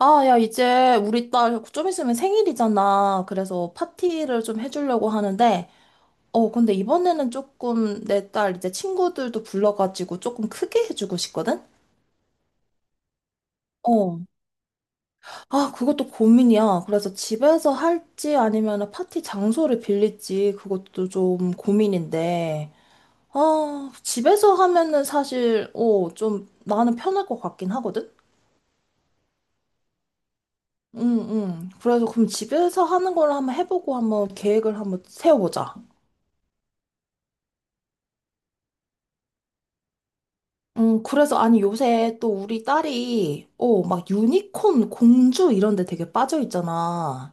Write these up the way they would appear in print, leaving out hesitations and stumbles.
아, 야, 이제 우리 딸 좀 있으면 생일이잖아. 그래서 파티를 좀 해주려고 하는데, 어, 근데 이번에는 조금 내 딸 이제 친구들도 불러가지고 조금 크게 해주고 싶거든? 어. 아, 그것도 고민이야. 그래서 집에서 할지 아니면 파티 장소를 빌릴지 그것도 좀 고민인데, 아, 집에서 하면은 사실, 어, 좀 나는 편할 것 같긴 하거든? 응, 응. 그래서 그럼 집에서 하는 걸 한번 해보고 한번 계획을 한번 세워보자. 그래서 아니 요새 또 우리 딸이 어, 막 유니콘 공주 이런 데 되게 빠져 있잖아.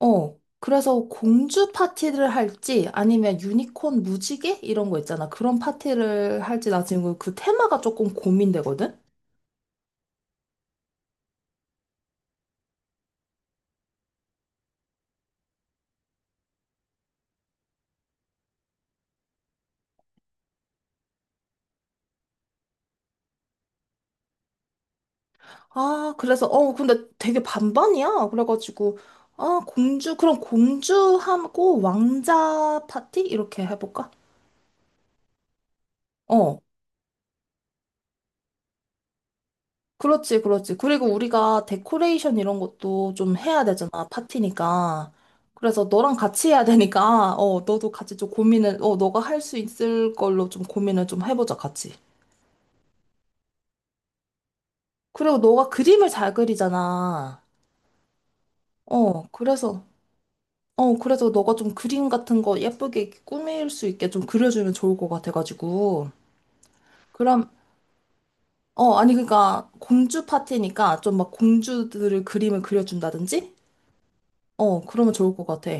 어. 그래서 공주 파티를 할지 아니면 유니콘 무지개 이런 거 있잖아. 그런 파티를 할지 나 지금 그 테마가 조금 고민되거든. 아, 그래서 어, 근데 되게 반반이야. 그래가지고 아, 공주 그럼 공주하고 왕자 파티 이렇게 해볼까? 어. 그렇지, 그렇지. 그리고 우리가 데코레이션 이런 것도 좀 해야 되잖아, 파티니까. 그래서 너랑 같이 해야 되니까, 어, 너도 같이 좀 고민을, 어, 너가 할 수 있을 걸로 좀 고민을 좀 해보자, 같이. 그리고 너가 그림을 잘 그리잖아. 어, 그래서, 어, 그래서 너가 좀 그림 같은 거 예쁘게 이렇게 꾸밀 수 있게 좀 그려주면 좋을 것 같아가지고. 그럼, 어, 아니, 그러니까 공주 파티니까 좀 막 공주들을 그림을 그려준다든지? 어, 그러면 좋을 것 같아.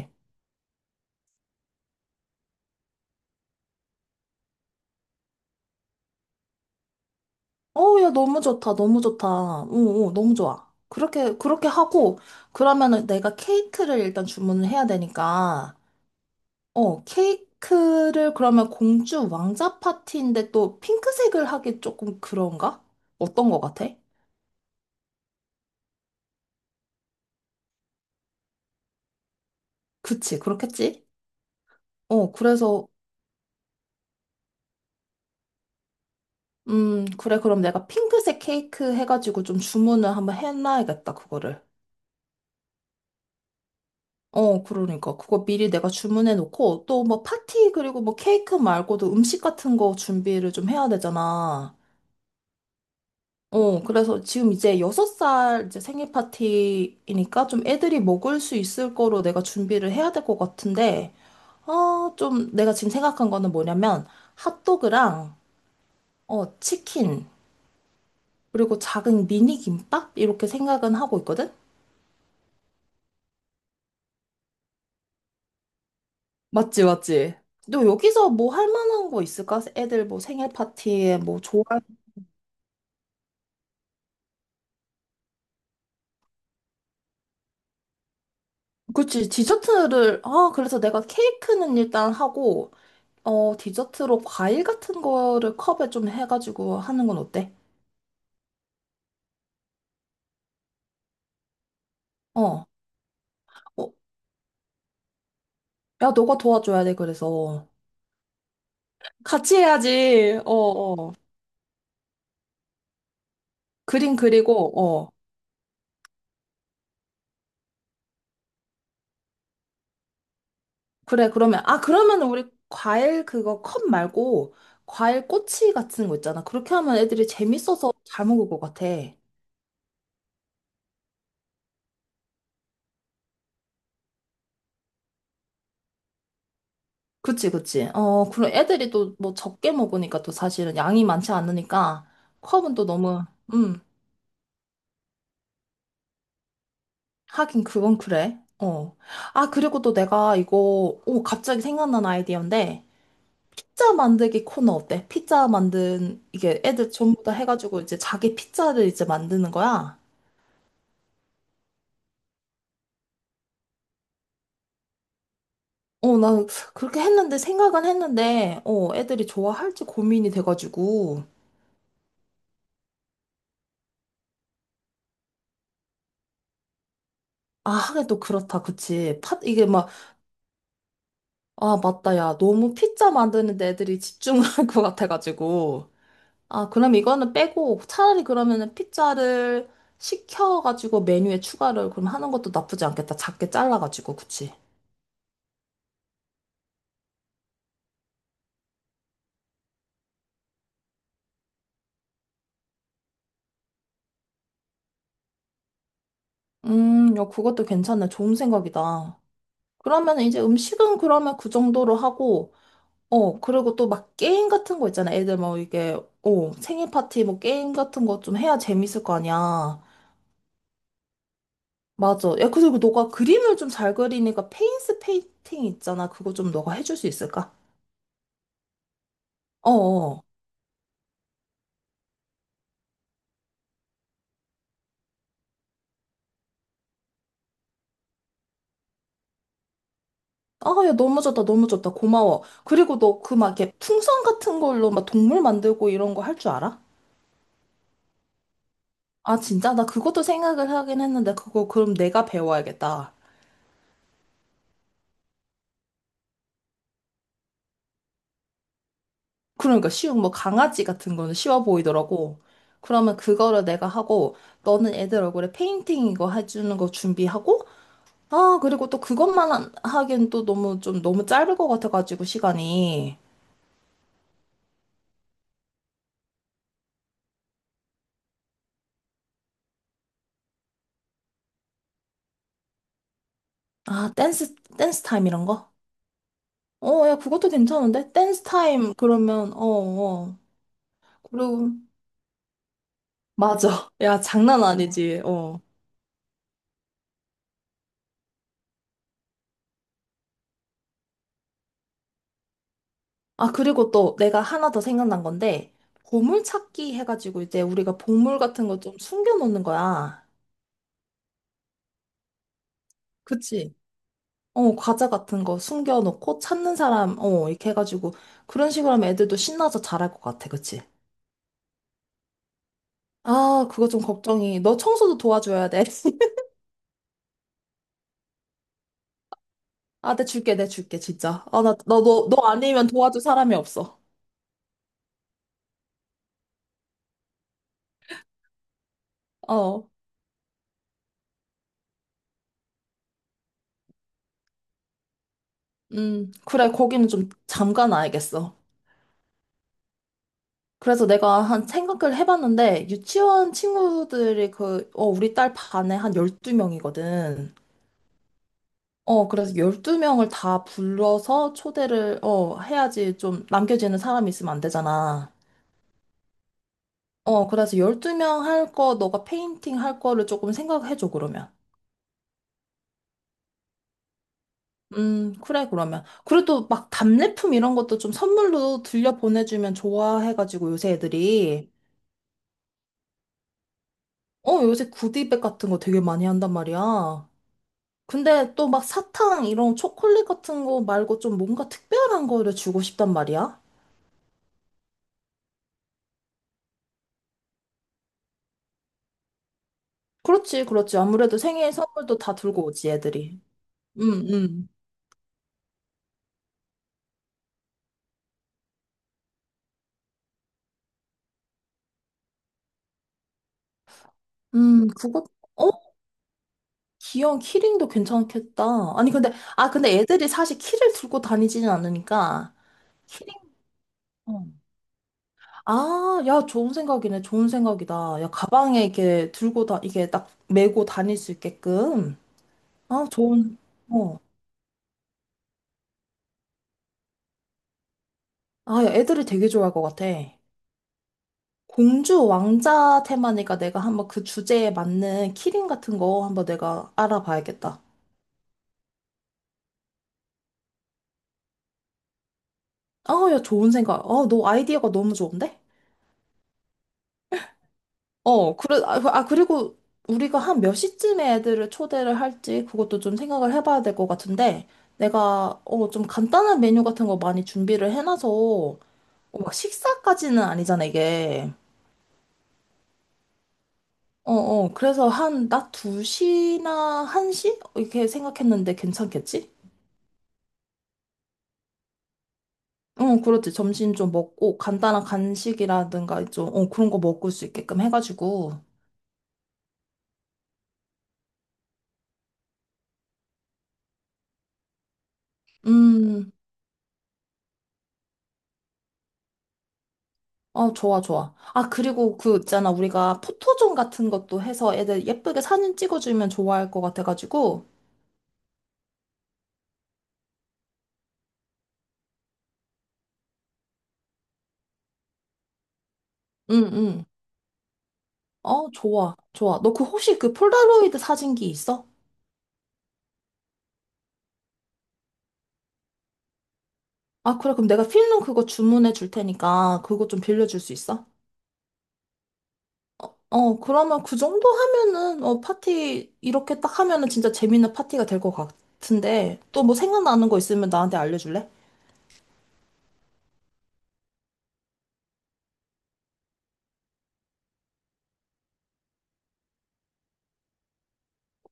어, 야, 너무 좋다, 너무 좋다. 오, 오, 너무 좋아. 그렇게, 그렇게 하고, 그러면은 내가 케이크를 일단 주문을 해야 되니까, 어, 케이크를 그러면 공주 왕자 파티인데 또 핑크색을 하기 조금 그런가? 어떤 거 같아? 그치, 그렇겠지? 어, 그래서, 그래, 그럼 내가 핑크색 케이크 해가지고 좀 주문을 한번 해놔야겠다, 그거를. 어, 그러니까. 그거 미리 내가 주문해 놓고, 또 뭐 파티, 그리고 뭐 케이크 말고도 음식 같은 거 준비를 좀 해야 되잖아. 어, 그래서 지금 이제 6살 이제 생일 파티이니까 좀 애들이 먹을 수 있을 거로 내가 준비를 해야 될 것 같은데, 어, 좀 내가 지금 생각한 거는 뭐냐면, 핫도그랑, 어, 치킨, 그리고 작은 미니 김밥? 이렇게 생각은 하고 있거든? 맞지, 맞지? 너 여기서 뭐 할 만한 거 있을까? 애들 뭐 생일 파티에 뭐 좋아? 그치, 디저트를, 아, 그래서 내가 케이크는 일단 하고, 어, 디저트로 과일 같은 거를 컵에 좀 해가지고 하는 건 어때? 어, 어, 야, 너가 도와줘야 돼, 그래서. 같이 해야지, 어, 어. 그림 그리고, 어. 그래, 그러면, 아, 그러면 우리 과일 그거 컵 말고, 과일 꼬치 같은 거 있잖아. 그렇게 하면 애들이 재밌어서 잘 먹을 것 같아. 그치, 그치. 어, 그리고 애들이 또 뭐 적게 먹으니까 또 사실은 양이 많지 않으니까 컵은 또 너무, 음, 하긴 그건 그래. 어. 아, 그리고 또 내가 이거, 오, 갑자기 생각난 아이디어인데, 피자 만들기 코너 어때? 이게 애들 전부 다 해가지고 이제 자기 피자를 이제 만드는 거야. 어, 나 그렇게 했는데, 생각은 했는데, 어, 애들이 좋아할지 고민이 돼가지고. 아, 하긴 또 그렇다, 그치. 이게 막, 아, 맞다, 야. 너무 피자 만드는 데 애들이 집중할 것 같아가지고. 아, 그럼 이거는 빼고 차라리 그러면은 피자를 시켜가지고 메뉴에 추가를 그럼 하는 것도 나쁘지 않겠다. 작게 잘라가지고, 그치? 야, 그것도 괜찮네. 좋은 생각이다. 그러면 이제 음식은 그러면 그 정도로 하고, 어, 그리고 또 막 게임 같은 거 있잖아. 애들 뭐 이게, 어, 생일 파티 뭐 게임 같은 거 좀 해야 재밌을 거 아니야. 맞아. 야, 그리고 너가 그림을 좀 잘 그리니까 페인스 페인팅 있잖아. 그거 좀 너가 해줄 수 있을까? 어어. 아, 야, 너무 좋다, 너무 좋다. 고마워. 그리고 너 그 막 이렇게 풍선 같은 걸로 막 동물 만들고 이런 거 할 줄 알아? 아, 진짜? 나 그것도 생각을 하긴 했는데, 그거 그럼 내가 배워야겠다. 그러니까 쉬운 뭐 강아지 같은 거는 쉬워 보이더라고. 그러면 그거를 내가 하고, 너는 애들 얼굴에 페인팅 이거 해주는 거 준비하고, 아, 그리고 또 그것만 하기엔 또 너무 좀 너무 짧을 것 같아가지고 시간이. 아, 댄스 타임 이런 거? 어, 야, 그것도 괜찮은데? 댄스 타임 그러면, 어, 어. 그리고, 맞아. 야, 장난 아니지. 어. 아, 그리고 또 내가 하나 더 생각난 건데, 보물찾기 해가지고 이제 우리가 보물 같은 거 좀 숨겨놓는 거야. 그치? 어, 과자 같은 거 숨겨놓고 찾는 사람, 어, 이렇게 해가지고 그런 식으로 하면 애들도 신나서 잘할 것 같아. 그치? 아, 그거 좀 걱정이. 너 청소도 도와줘야 돼. 아, 내 줄게, 내 줄게, 진짜. 아, 나, 너 아니면 도와줄 사람이 없어. 어, 그래, 거기는 좀 잠깐 알겠어. 그래서 내가 한 생각을 해봤는데, 유치원 친구들이 그, 어, 우리 딸 반에 한 12명이거든. 어, 그래서 12명을 다 불러서 초대를, 어, 해야지 좀 남겨지는 사람이 있으면 안 되잖아. 어, 그래서 12명 할 거, 너가 페인팅 할 거를 조금 생각해줘, 그러면. 그래, 그러면. 그래도 막 답례품 이런 것도 좀 선물로 들려 보내주면 좋아해가지고 요새 애들이. 어, 요새 구디백 같은 거 되게 많이 한단 말이야. 근데 또 막 사탕 이런 초콜릿 같은 거 말고 좀 뭔가 특별한 거를 주고 싶단 말이야. 그렇지, 그렇지. 아무래도 생일 선물도 다 들고 오지, 애들이. 음, 음. 그거, 어? 귀여운 키링도 괜찮겠다. 아니, 근데, 아, 근데 애들이 사실 키를 들고 다니지는 않으니까. 키링. 어. 아, 야, 좋은 생각이네. 좋은 생각이다. 야, 가방에 이렇게 이게 딱 메고 다닐 수 있게끔. 아, 좋은, 어. 아, 야, 애들이 되게 좋아할 것 같아. 공주 왕자 테마니까 내가 한번 그 주제에 맞는 키링 같은 거 한번 내가 알아봐야겠다. 아, 야, 좋은 생각. 어, 너 아이디어가 너무 좋은데? 어, 그래, 아, 아, 그리고 우리가 한 몇 시쯤에 애들을 초대를 할지 그것도 좀 생각을 해봐야 될 것 같은데 내가 어, 좀 간단한 메뉴 같은 거 많이 준비를 해놔서 어, 막 식사까지는 아니잖아, 이게. 어, 어, 그래서 한 낮 2시나 1시? 이렇게 생각했는데 괜찮겠지? 응, 그렇지. 점심 좀 먹고 간단한 간식이라든가 좀 어, 그런 거 먹을 수 있게끔 해가지고. 음. 어, 좋아, 좋아. 아, 그리고 그 있잖아. 우리가 포토존 같은 것도 해서 애들 예쁘게 사진 찍어주면 좋아할 것 같아가지고. 응, 응. 어, 좋아, 좋아. 너 그 혹시 그 폴라로이드 사진기 있어? 아, 그래. 그럼 내가 필름 그거 주문해 줄 테니까 그거 좀 빌려줄 수 있어? 어, 그러면 그 정도 하면은, 어, 파티, 이렇게 딱 하면은 진짜 재밌는 파티가 될 것 같은데, 또 뭐 생각나는 거 있으면 나한테 알려줄래?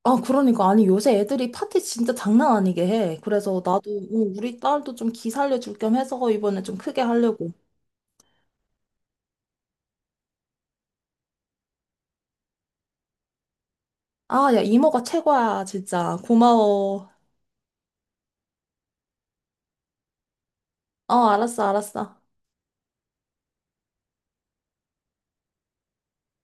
아, 그러니까. 아니, 요새 애들이 파티 진짜 장난 아니게 해. 그래서 나도, 어, 우리 딸도 좀 기 살려줄 겸 해서 이번에 좀 크게 하려고. 아, 야, 이모가 최고야, 진짜. 고마워. 어, 알았어, 알았어.